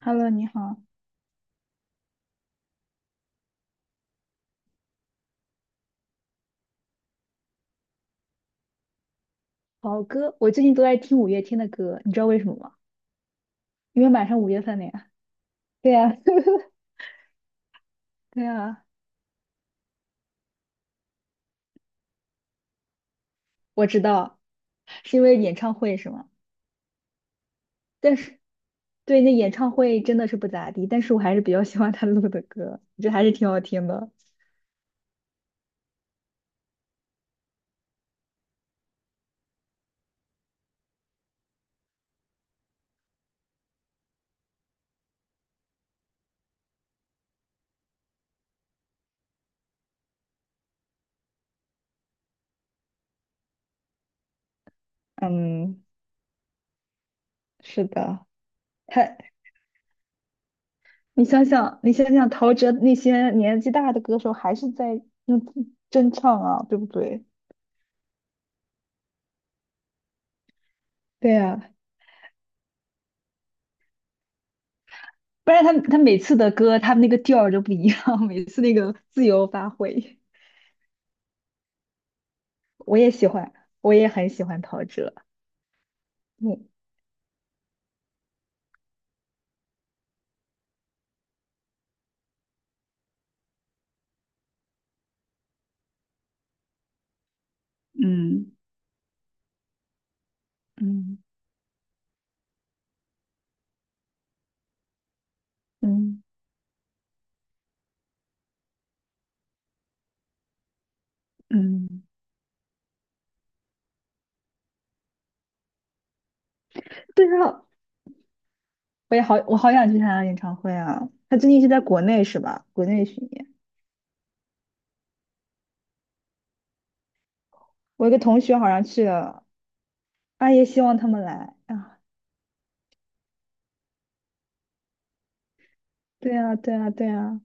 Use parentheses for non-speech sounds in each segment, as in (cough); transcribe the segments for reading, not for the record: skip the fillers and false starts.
Hello，你好。好歌，我最近都在听五月天的歌，你知道为什么吗？因为马上五月份了呀。(laughs) 对呀。(laughs) 对呀，我知道，是因为演唱会是吗？但是对，那演唱会真的是不咋地，但是我还是比较喜欢他录的歌，我觉得还是挺好听的。嗯，是的。他，你想想陶喆那些年纪大的歌手，还是在用真唱啊，对不对？对呀。不然他每次的歌，他那个调儿都不一样，(laughs) 每次那个自由发挥。我也喜欢，我也很喜欢陶喆。嗯嗯嗯嗯嗯，对啊，我好想去他的演唱会啊！他最近是在国内是吧？国内巡演。我一个同学好像去了，阿也希望他们来啊！对啊，对啊，对啊。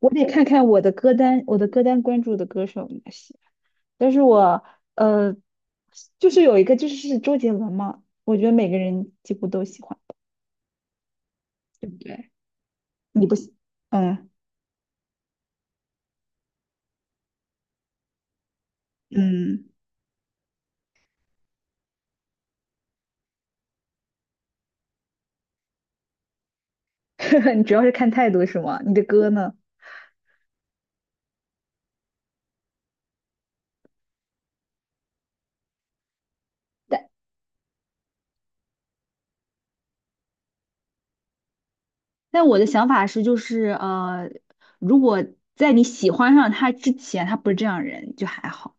我得看看我的歌单，我的歌单关注的歌手有哪些。但是我呃，就是有一个就是周杰伦嘛，我觉得每个人几乎都喜欢，对不对？你不喜，嗯嗯，(laughs) 你主要是看态度是吗？你的歌呢？但但我的想法是，如果在你喜欢上他之前，他不是这样人，就还好，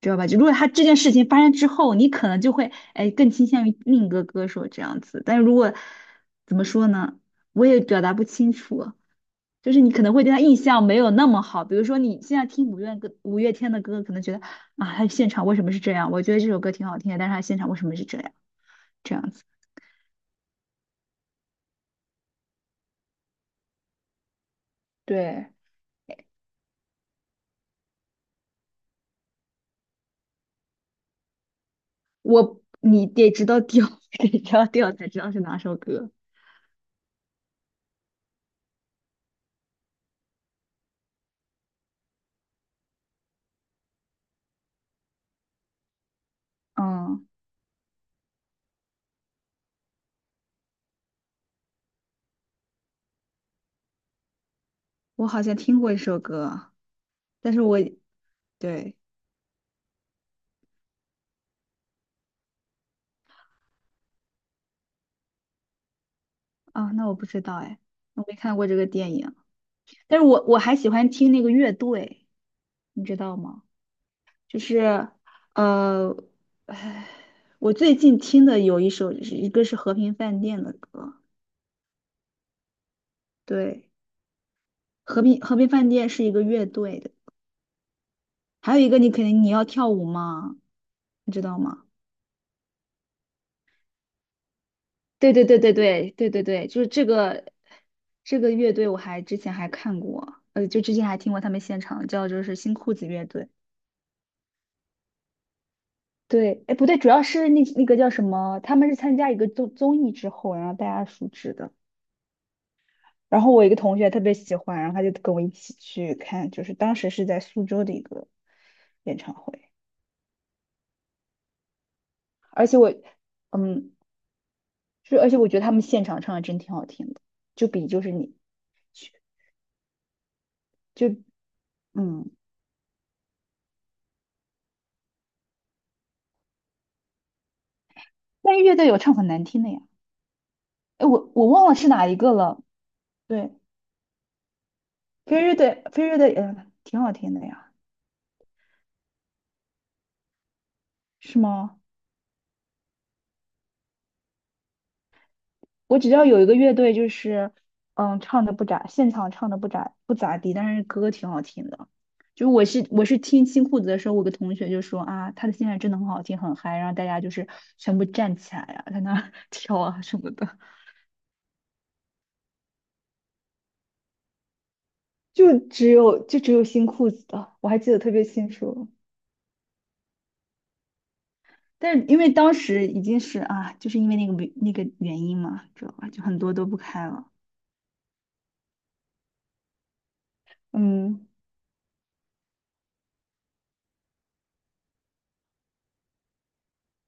知道吧？就如果他这件事情发生之后，你可能就会哎更倾向于另一个歌手这样子。但是如果怎么说呢，我也表达不清楚。就是你可能会对他印象没有那么好。比如说你现在听五月天的歌，可能觉得啊，他现场为什么是这样？我觉得这首歌挺好听的，但是他现场为什么是这样？这样子。对，我你得知道调，(laughs) 得知道调才知道是哪首歌。嗯，我好像听过一首歌，但是我对。啊，那我不知道哎，我没看过这个电影，但是我还喜欢听那个乐队，你知道吗？就是，呃，唉我最近听的有一首，是一个是和平饭店的歌。对，和平饭店是一个乐队的。还有一个你肯定你要跳舞吗？你知道吗？对对对对对对对对，就是这个乐队，我还之前还看过，呃，就之前还听过他们现场，叫就是新裤子乐队。对，哎，不对，主要是那个叫什么，他们是参加一个综艺之后，然后大家熟知的。然后我一个同学特别喜欢，然后他就跟我一起去看，就是当时是在苏州的一个演唱会，而且我，嗯，而且我觉得他们现场唱的真挺好听的。就比就是你去就嗯，但是乐队有唱很难听的呀。哎，我我忘了是哪一个了。对，飞乐队，嗯，挺好听的呀。是吗？我只道有一个乐队，就是嗯，唱的不咋，现场唱的不咋地，但是歌挺好听的。就我是听新裤子的时候，我有个同学就说啊，他的现场真的很好听，很嗨，然后大家就是全部站起来啊，在那儿 (laughs) 跳啊什么的。就只有新裤子的，我还记得特别清楚。但是因为当时已经是啊，就是因为那个原因嘛，知道吧？就很多都不开了。嗯，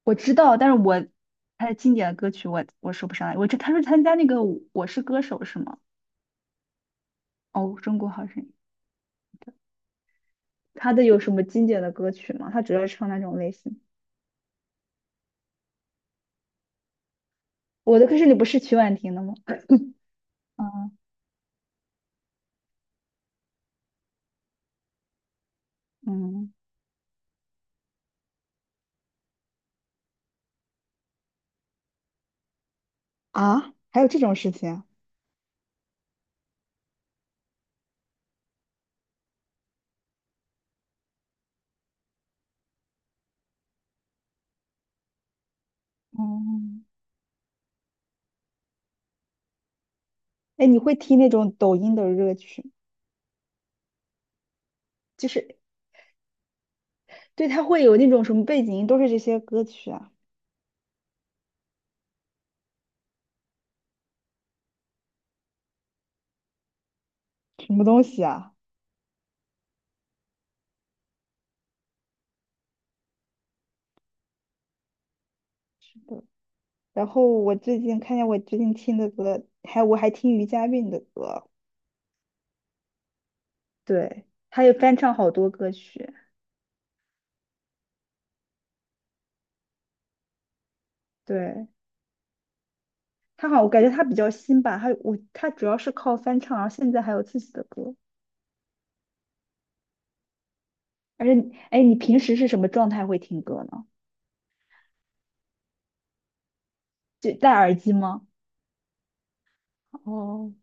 我知道，但是我他的经典的歌曲我说不上来。我这他说参加那个《我是歌手》是吗？哦，《中国好声音》。他的有什么经典的歌曲吗？他主要唱那种类型。我的歌声里不是曲婉婷的吗？(laughs) 嗯嗯。啊，还有这种事情啊？嗯，哎，你会听那种抖音的热曲吗？就是对，他会有那种什么背景音，都是这些歌曲啊。什么东西啊？是的。然后我最近听的歌，我还听余佳韵的歌。对，他也翻唱好多歌曲。对，他好，我感觉他比较新吧，他主要是靠翻唱，然后现在还有自己的歌。而且你，哎，你平时是什么状态会听歌呢？就戴耳机吗？哦，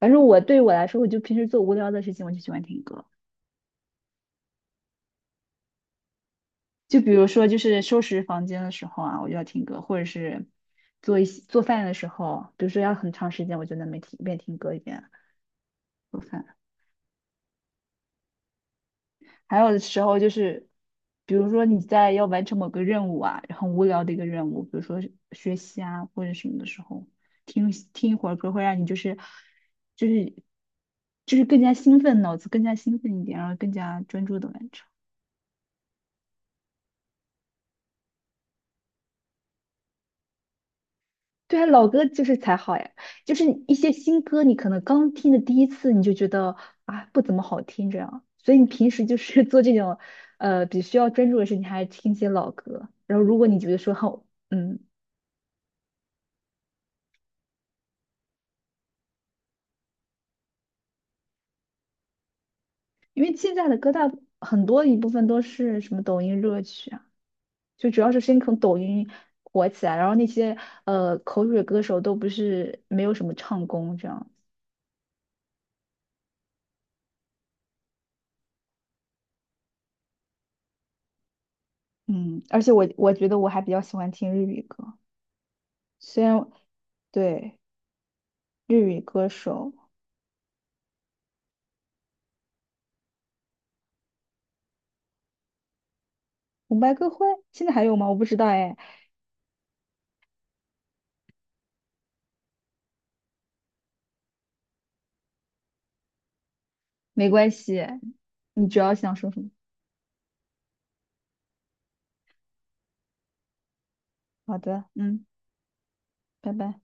反正对我来说，我就平时做无聊的事情，我就喜欢听歌。就比如说，就是收拾房间的时候啊，我就要听歌，或者是做一些做饭的时候，比如说要很长时间，我就能没听一边听歌一边做饭。还有的时候就是，比如说你在要完成某个任务啊，很无聊的一个任务，比如说是学习啊或者什么的时候，听一会儿歌会让你就是就是更加兴奋，脑子更加兴奋一点，然后更加专注的完成。对啊，老歌就是才好呀。就是一些新歌，你可能刚听的第一次你就觉得啊不怎么好听这样，所以你平时就是 (laughs) 做这种需要专注的事情，你还听一些老歌。然后如果你觉得说好，嗯，因为现在的歌很多一部分都是什么抖音热曲啊，就主要是先从抖音火起来，然后那些呃口水歌手都不是没有什么唱功这样。嗯，而且我觉得我还比较喜欢听日语歌，虽然对日语歌手红白歌会现在还有吗？我不知道哎。没关系，你主要想说什么？好的，嗯，拜拜。